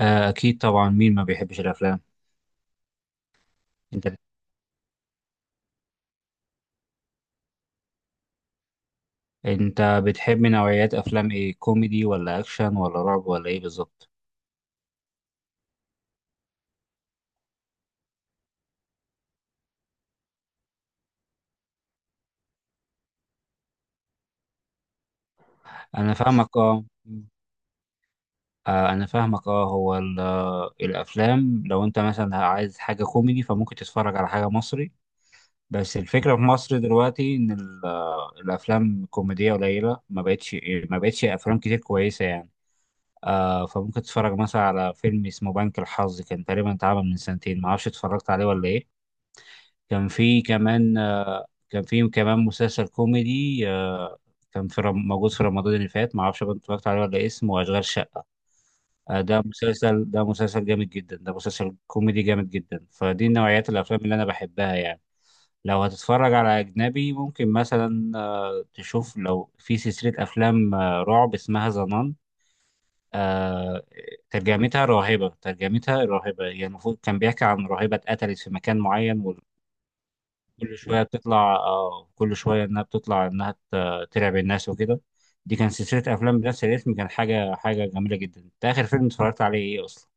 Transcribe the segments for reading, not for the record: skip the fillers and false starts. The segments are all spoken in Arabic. آه، أكيد طبعا، مين ما بيحبش الأفلام؟ أنت أنت بتحب نوعيات أفلام إيه، كوميدي ولا أكشن ولا رعب ولا إيه بالظبط؟ أنا فاهمك، أه. أنا فاهمك هو الأفلام، لو أنت مثلا عايز حاجة كوميدي فممكن تتفرج على حاجة مصري. بس الفكرة في مصر دلوقتي إن الأفلام الكوميدية قليلة، ما بقتش أفلام كتير كويسة يعني. فممكن تتفرج مثلا على فيلم اسمه بنك الحظ، كان تقريبا اتعمل من سنتين، معرفش اتفرجت عليه ولا إيه. كان في كمان مسلسل كوميدي، موجود في رمضان اللي فات، ما اعرفش بقى اتفرجت عليه ولا إيه، اسمه اشغال شقه. ده مسلسل جامد جدا، ده مسلسل كوميدي جامد جدا، فدي نوعيات الافلام اللي انا بحبها يعني. لو هتتفرج على اجنبي، ممكن مثلا تشوف لو في سلسله افلام رعب اسمها ظنان. آه، ترجمتها راهبة يعني المفروض كان بيحكي عن راهبة اتقتلت في مكان معين. كل شويه انها بتطلع، انها ترعب الناس وكده. دي كان سلسله افلام بنفس الاسم، كان حاجه جميله جدا. انت اخر فيلم اتفرجت عليه ايه اصلا؟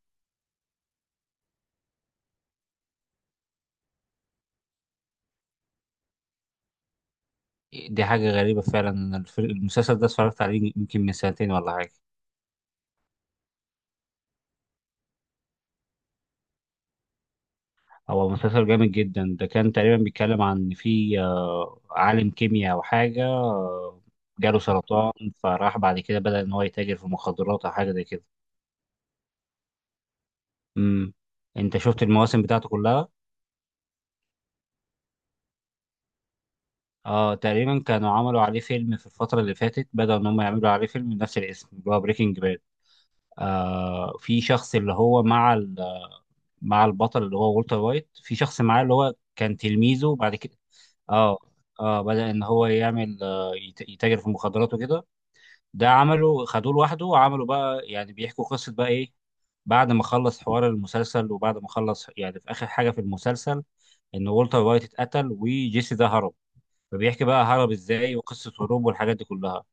دي حاجه غريبه فعلا، أنا المسلسل ده اتفرجت عليه يمكن من سنتين ولا حاجه. هو مسلسل جامد جدا، ده كان تقريبا بيتكلم عن إن في عالم كيمياء او حاجه، جاله سرطان، فراح بعد كده بدأ ان هو يتاجر في المخدرات او حاجه زي كده. امم انت شفت المواسم بتاعته كلها؟ اه تقريبا، كانوا عملوا عليه فيلم في الفترة اللي فاتت، بدأوا إن هم يعملوا عليه فيلم بنفس الاسم اللي هو بريكنج باد. في شخص اللي هو مع مع البطل اللي هو والتر وايت، في شخص معاه اللي هو كان تلميذه بعد كده. اه. اه، بدأ إن هو يعمل يتاجر في المخدرات وكده. ده عمله خدوه لوحده، وعملوا بقى يعني بيحكوا قصة بقى إيه. بعد ما خلص حوار المسلسل، وبعد ما خلص يعني في آخر حاجة في المسلسل، إن والتر وايت اتقتل وجيسي ده هرب. فبيحكي بقى هرب ازاي وقصة هروبه والحاجات دي كلها.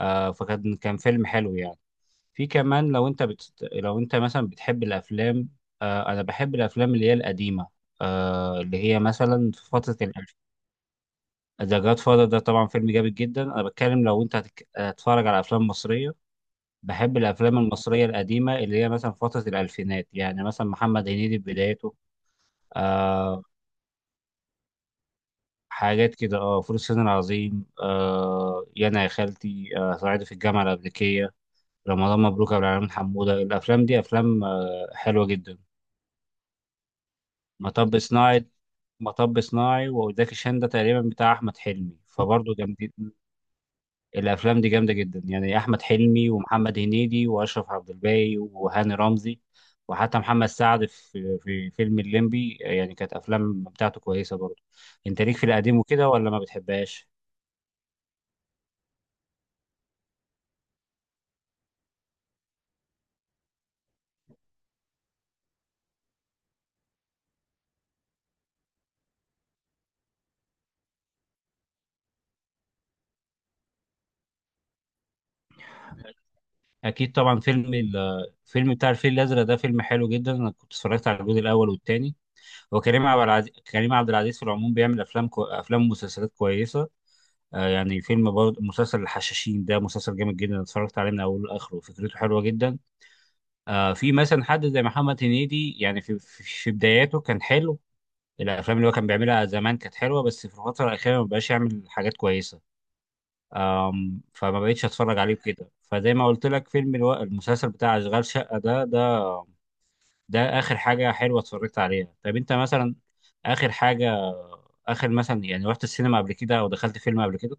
فكان فيلم حلو يعني. في كمان لو انت مثلا بتحب الافلام، انا بحب الافلام اللي هي القديمة، اللي هي مثلا في فترة الالف. ذا جاد فاذر ده طبعا فيلم جامد جدا. انا بتكلم لو انت هتتفرج على افلام مصرية، بحب الافلام المصرية القديمة اللي هي مثلا في فترة الالفينات، يعني مثلا محمد هنيدي في بدايته. آه حاجات كده، اه، فول الصين العظيم، يانا يا خالتي، صعيدي في الجامعة الأمريكية، رمضان مبروك يا عبد العالمين، حمودة. الأفلام دي أفلام حلوة جدا. مطب صناعي مطب صناعي وزكي شان ده تقريبا بتاع أحمد حلمي، فبرضه جامدين. الأفلام دي جامدة جدا، يعني أحمد حلمي ومحمد هنيدي وأشرف عبد الباقي وهاني رمزي، وحتى محمد سعد في في فيلم الليمبي، يعني كانت أفلام بتاعته كويسة برضه. أنت ليك في القديم وكده ولا ما بتحبهاش؟ أكيد طبعا، فيلم الفيلم بتاع الفيل الأزرق ده فيلم حلو جدا، أنا كنت اتفرجت على الجزء الأول والتاني. هو كريم عبد العزيز في العموم بيعمل افلام افلام ومسلسلات كويسه. يعني فيلم، برضه مسلسل الحشاشين ده مسلسل جامد جدا، أنا اتفرجت عليه من اوله لاخره، فكرته حلوه جدا. في مثلا حد زي محمد هنيدي، يعني في بداياته كان حلو. الافلام اللي هو كان بيعملها زمان كانت حلوه، بس في الفتره الاخيره ما بقاش يعمل حاجات كويسه، فما بقتش اتفرج عليه كده. فزي ما قلت لك، فيلم المسلسل بتاع اشغال شقه ده اخر حاجه حلوه اتفرجت عليها. طب انت مثلا اخر حاجه اخر مثلا يعني، رحت السينما قبل كده او دخلت فيلم قبل كده؟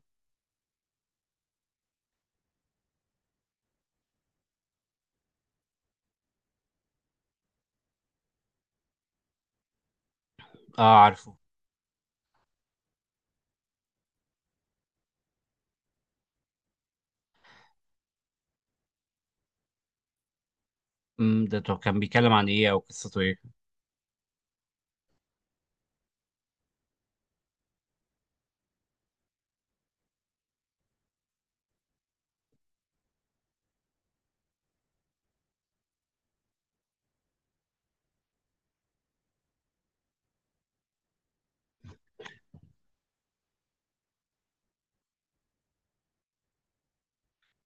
اه عارفه. ده طب كان بيتكلم عن ايه او قصته ايه؟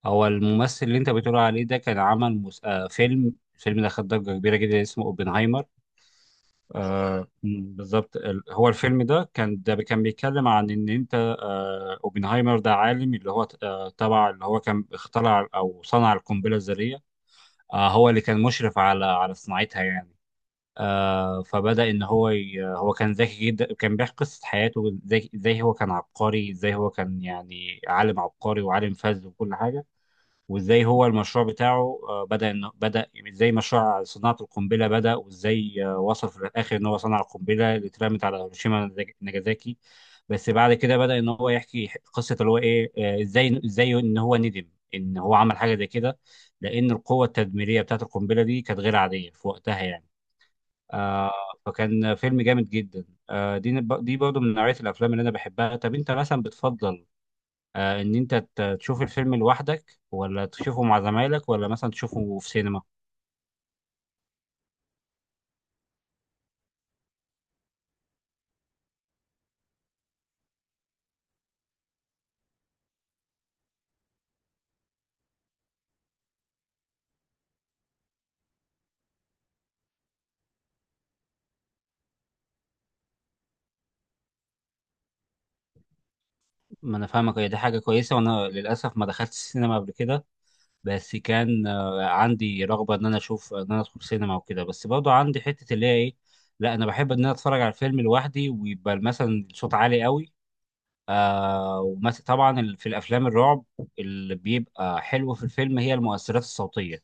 هو الممثل اللي انت بتقول عليه ده كان عمل مس... آه فيلم، الفيلم ده خد ضجه كبيره جدا، اسمه اوبنهايمر. بالظبط، هو الفيلم ده كان، بيتكلم عن ان انت اوبنهايمر ده عالم اللي هو تبع اللي هو كان اخترع او صنع القنبله الذريه. هو اللي كان مشرف على صناعتها يعني. آه فبدأ إن هو ي... هو كان ذكي جدا، كان بيحكي قصة حياته إزاي هو كان عبقري، ازاي هو كان يعني عالم عبقري وعالم فذ وكل حاجة. وازاي هو المشروع بتاعه بدأ، إنه بدأ ازاي، مشروع صناعة القنبلة بدأ، وازاي وصل في الآخر إن هو صنع القنبلة اللي اترمت على هيروشيما وناجازاكي. بس بعد كده بدأ إن هو يحكي قصة اللي هو إيه، إزاي إن هو ندم إن هو عمل حاجة زي كده، لأن القوة التدميرية بتاعة القنبلة دي كانت غير عادية في وقتها يعني. آه فكان فيلم جامد جدا. دي برضه من نوعية الأفلام اللي أنا بحبها. طب أنت مثلا بتفضل إن أنت تشوف الفيلم لوحدك، ولا تشوفه مع زمايلك، ولا مثلا تشوفه في سينما؟ ما أنا فاهمك. هي دي حاجة كويسة، وأنا للأسف ما دخلت السينما قبل كده، بس كان عندي رغبة إن أنا أشوف إن أنا أدخل سينما وكده، بس برضه عندي حتة اللي هي إيه، لا أنا بحب إن أنا أتفرج على الفيلم لوحدي، ويبقى مثلا الصوت عالي قوي. ومثلا طبعا في الافلام الرعب، اللي بيبقى حلو في الفيلم هي المؤثرات الصوتيه.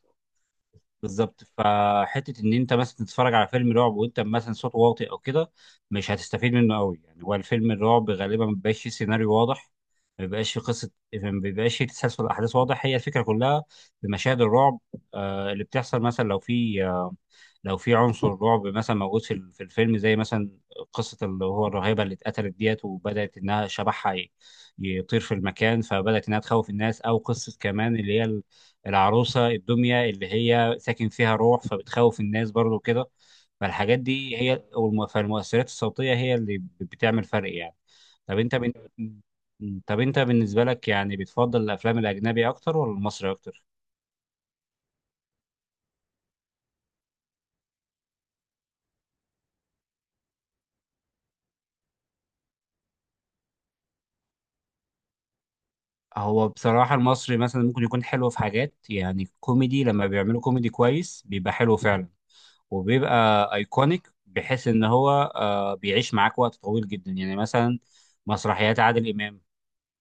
بالظبط، فحته ان انت مثلا تتفرج على فيلم رعب وانت مثلا صوته واطي او كده، مش هتستفيد منه قوي يعني. هو الفيلم الرعب غالبا ما بيبقاش فيه سيناريو واضح، ما بيبقاش فيه قصه، ما بيبقاش فيه تسلسل احداث واضح. هي الفكره كلها في مشاهد الرعب اللي بتحصل، مثلا لو في، لو في عنصر رعب مثلا موجود في في الفيلم، زي مثلا قصة اللي هو الراهبة اللي اتقتلت ديت، وبدأت إنها شبحها يطير في المكان، فبدأت إنها تخوف الناس، أو قصة كمان اللي هي العروسة الدمية اللي هي ساكن فيها روح، فبتخوف الناس برضو كده. فالحاجات دي هي فالمؤثرات الصوتية هي اللي بتعمل فرق يعني. طب أنت بن... طب أنت بالنسبة لك يعني بتفضل الأفلام الأجنبي أكتر ولا المصري أكتر؟ هو بصراحة المصري مثلا ممكن يكون حلو في حاجات، يعني كوميدي، لما بيعملوا كوميدي كويس بيبقى حلو فعلا، وبيبقى ايكونيك بحيث ان هو بيعيش معاك وقت طويل جدا، يعني مثلا مسرحيات عادل امام،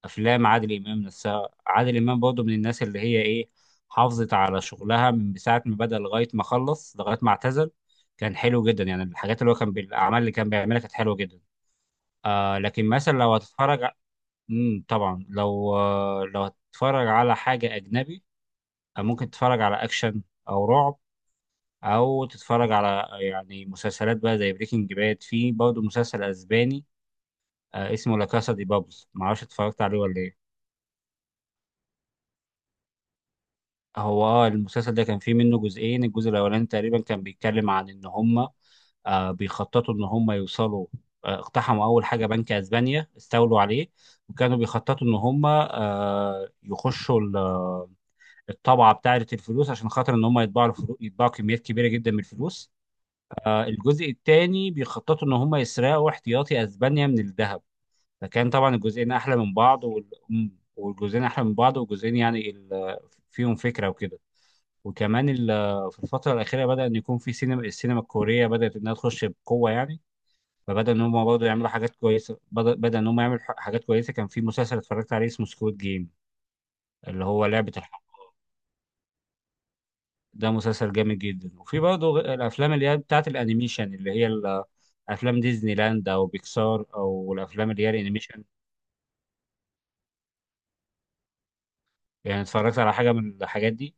افلام عادل امام نفسها. عادل امام برضه من الناس اللي هي ايه، حافظت على شغلها من ساعة ما بدأ لغاية ما خلص لغاية ما اعتزل، كان حلو جدا يعني. الحاجات اللي هو كان بالاعمال اللي كان بيعملها كانت حلوة جدا. لكن مثلا لو هتتفرج، طبعا لو هتتفرج على حاجة أجنبي، ممكن تتفرج على أكشن، أو رعب، أو تتفرج على يعني مسلسلات بقى زي بريكنج باد. في برضه مسلسل أسباني اسمه لا كاسا دي بابلز، معرفش اتفرجت عليه ولا إيه. هو المسلسل ده كان فيه منه جزئين. الجزء الأولاني تقريبا كان بيتكلم عن إن هما بيخططوا إن هما يوصلوا، اقتحموا أول حاجة بنك أسبانيا، استولوا عليه، وكانوا بيخططوا إن هما يخشوا الطبعه بتاعه الفلوس، عشان خاطر ان هم يطبعوا الفلوس، يطبعوا كميات كبيره جدا من الفلوس. الجزء الثاني بيخططوا ان هم يسرقوا احتياطي اسبانيا من الذهب. فكان طبعا الجزئين احلى من بعض، والجزئين احلى من بعض، والجزئين يعني فيهم فكره وكده. وكمان في الفتره الاخيره بدا ان يكون في سينما، السينما الكوريه بدات انها تخش بقوه يعني. فبدا ان هم برضه يعملوا حاجات كويسه، بدا ان هم يعملوا حاجات كويسه. كان في مسلسل اتفرجت عليه اسمه سكويد جيم، اللي هو لعبه الحب، ده مسلسل جامد جدا. وفي برضه الافلام اللي هي بتاعت الانيميشن، اللي هي افلام ديزني لاند او بيكسار، او الافلام اللي هي الانيميشن، يعني اتفرجت على حاجه من الحاجات دي؟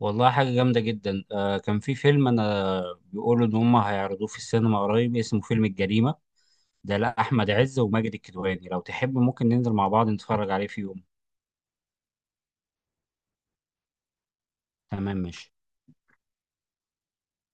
والله حاجه جامده جدا. كان في فيلم، انا بيقولوا ان هم هيعرضوه في السينما قريب، اسمه فيلم الجريمه، ده لا احمد عز وماجد الكدواني. لو تحب ممكن ننزل مع بعض نتفرج عليه في يوم. تمام ماشي.